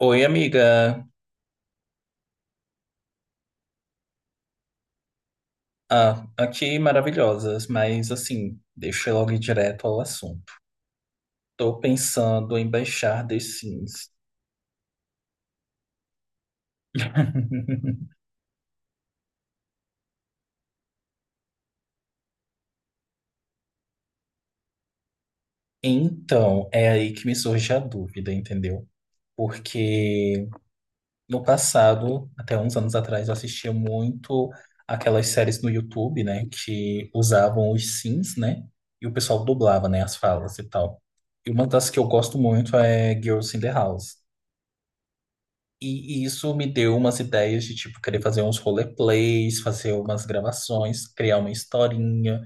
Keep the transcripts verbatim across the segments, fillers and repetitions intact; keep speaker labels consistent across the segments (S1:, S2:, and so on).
S1: Oi, amiga. Ah, aqui maravilhosas, mas assim, deixa eu logo ir direto ao assunto. Tô pensando em baixar The Sims. Então, é aí que me surge a dúvida, entendeu? Porque no passado, até uns anos atrás, eu assistia muito aquelas séries no YouTube, né, que usavam os Sims, né, e o pessoal dublava, né, as falas e tal. E uma das que eu gosto muito é Girls in the House. E, isso me deu umas ideias de, tipo, querer fazer uns roleplays, fazer umas gravações, criar uma historinha.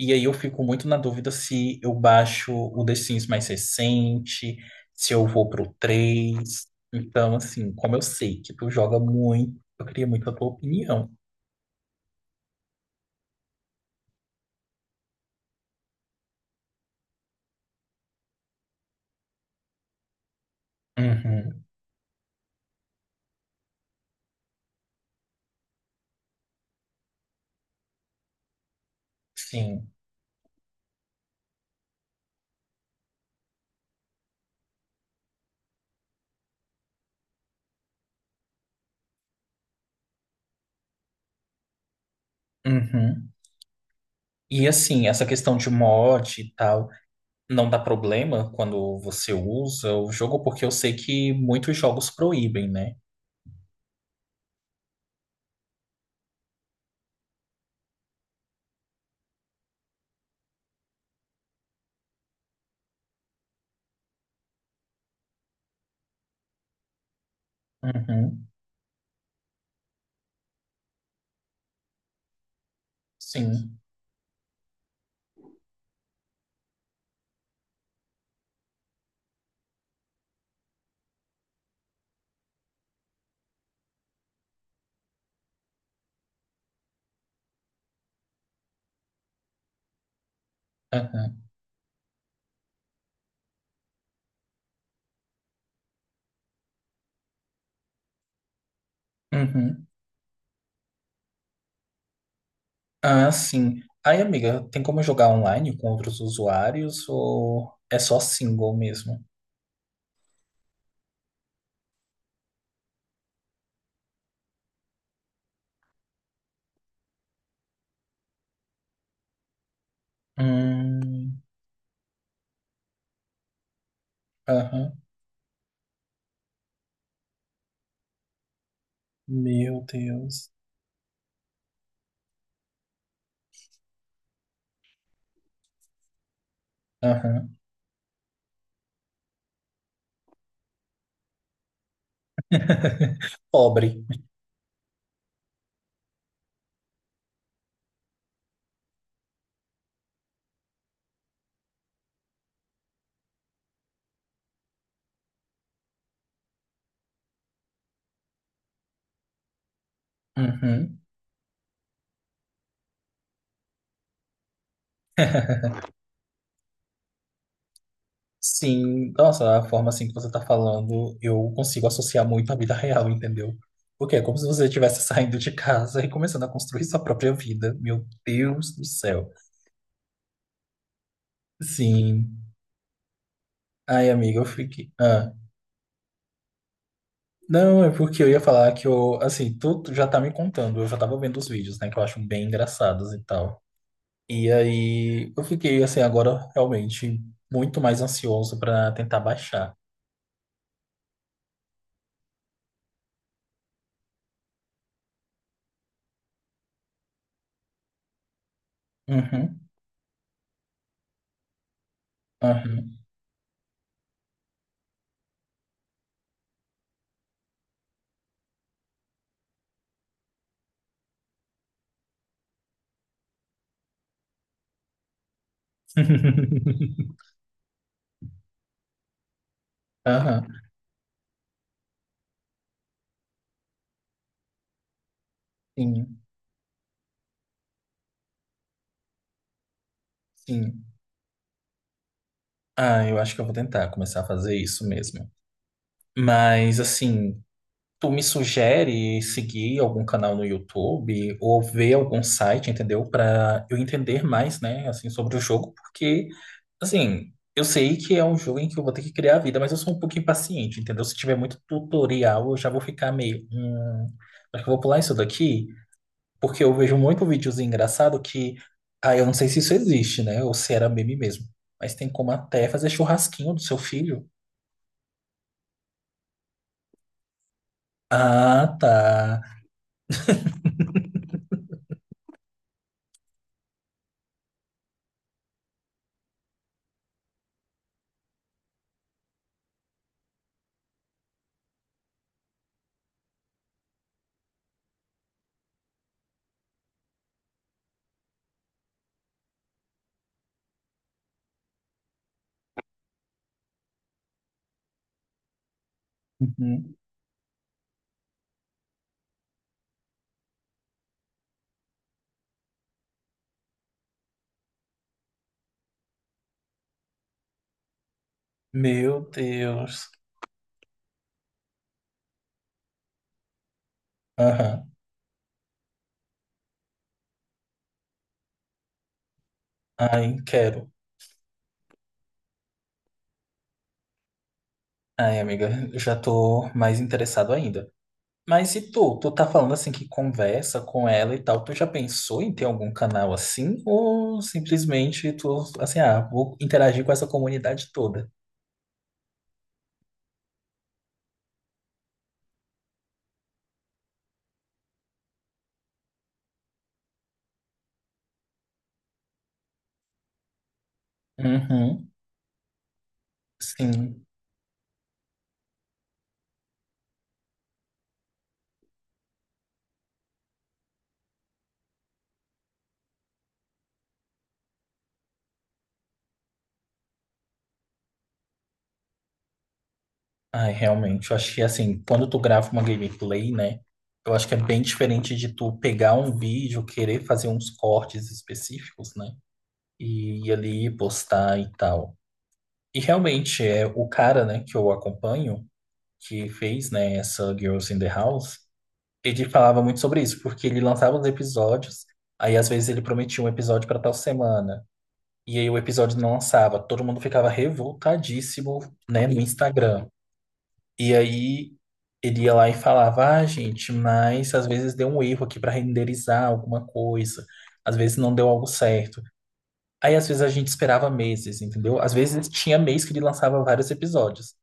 S1: E aí eu fico muito na dúvida se eu baixo o The Sims mais recente, se eu vou pro três. Então, assim, como eu sei que tu joga muito, eu queria muito a tua opinião. Uhum, sim. Uhum. E assim, essa questão de mod e tal, não dá problema quando você usa o jogo, porque eu sei que muitos jogos proíbem, né? Uhum. Sim. Aham. Uhum. Ah, sim. Aí, amiga, tem como jogar online com outros usuários ou é só single mesmo? Hum, aham. Meu Deus. Aham. Pobre. Uhum. Sim, nossa, a forma assim que você tá falando, eu consigo associar muito à vida real, entendeu? Porque é como se você estivesse saindo de casa e começando a construir sua própria vida. Meu Deus do céu. Sim. Ai, amiga, eu fiquei. Não, é porque eu ia falar que eu, assim, tu tu já tá me contando, eu já tava vendo os vídeos, né, que eu acho bem engraçados e tal. E aí eu fiquei, assim, agora realmente muito mais ansioso pra tentar baixar. Uhum, uhum. Aham, sim, sim. Ah, eu acho que eu vou tentar começar a fazer isso mesmo. Mas, assim, tu me sugere seguir algum canal no YouTube ou ver algum site, entendeu? Pra eu entender mais, né, assim, sobre o jogo, porque. Assim, eu sei que é um jogo em que eu vou ter que criar a vida, mas eu sou um pouco impaciente, entendeu? Se tiver muito tutorial, eu já vou ficar meio. Hum, acho que eu vou pular isso daqui, porque eu vejo muito videozinho engraçado que. Ah, eu não sei se isso existe, né? Ou se era meme mesmo. Mas tem como até fazer churrasquinho do seu filho. Ah, tá. Uhum. Meu Deus. Aham. Ai, quero. Ai, amiga, eu já tô mais interessado ainda. Mas e tu? Tu tá falando assim que conversa com ela e tal. Tu já pensou em ter algum canal assim? Ou simplesmente tu, assim, ah, vou interagir com essa comunidade toda? Uhum, sim. Ai, realmente. Eu acho que assim, quando tu grava uma gameplay, né? Eu acho que é bem diferente de tu pegar um vídeo, querer fazer uns cortes específicos, né? E ir ali postar e tal. E realmente, é o cara, né, que eu acompanho, que fez, né, essa Girls in the House. Ele falava muito sobre isso, porque ele lançava os episódios, aí às vezes ele prometia um episódio para tal semana, e aí o episódio não lançava. Todo mundo ficava revoltadíssimo, né, no Instagram. E aí ele ia lá e falava: ah, gente, mas às vezes deu um erro aqui para renderizar alguma coisa, às vezes não deu algo certo. Aí às vezes a gente esperava meses, entendeu? Às vezes tinha mês que ele lançava vários episódios.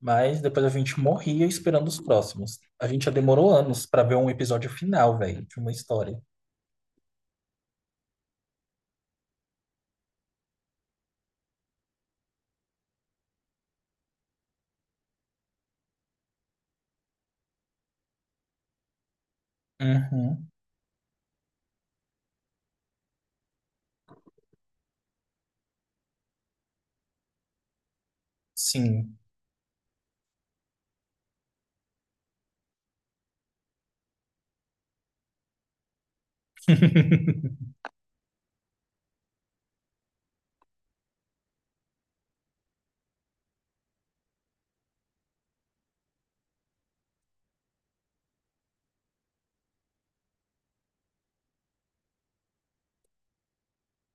S1: Mas depois a gente morria esperando os próximos. A gente já demorou anos pra ver um episódio final, velho, de uma história. Uhum, sim.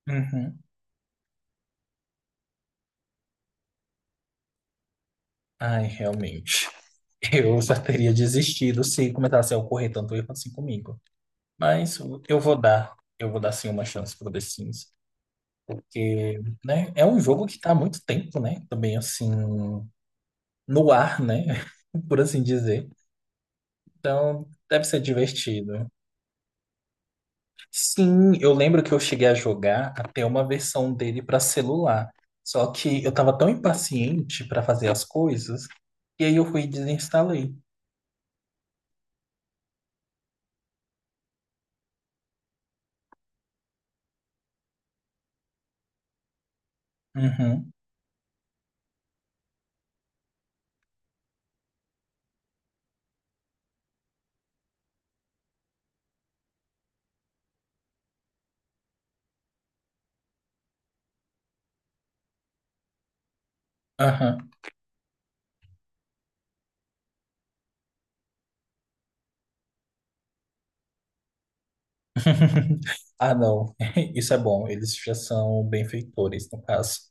S1: Uhum. Ai, realmente. Eu já teria desistido se começasse a ocorrer tanto erro assim comigo. Mas eu vou dar, eu vou dar sim uma chance pro The Sims. Porque, né, é um jogo que tá há muito tempo, né? Também assim, no ar, né? Por assim dizer. Então, deve ser divertido. Sim, eu lembro que eu cheguei a jogar até uma versão dele para celular. Só que eu tava tão impaciente para fazer as coisas, e aí eu fui e desinstalei. Uhum, aham. Ah, não. Isso é bom. Eles já são benfeitores, no caso.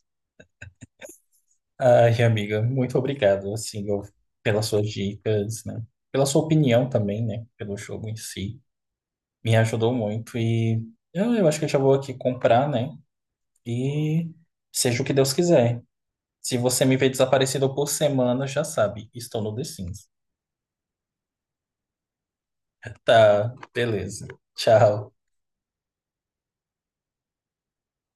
S1: Ai, amiga, muito obrigado, assim, eu- pelas suas dicas, né? Pela sua opinião também, né? Pelo jogo em si. Me ajudou muito e eu, eu acho que eu já vou aqui comprar, né? E seja o que Deus quiser. Se você me vê desaparecido por semana, já sabe, estou no The Sims. Tá, beleza. Tchau.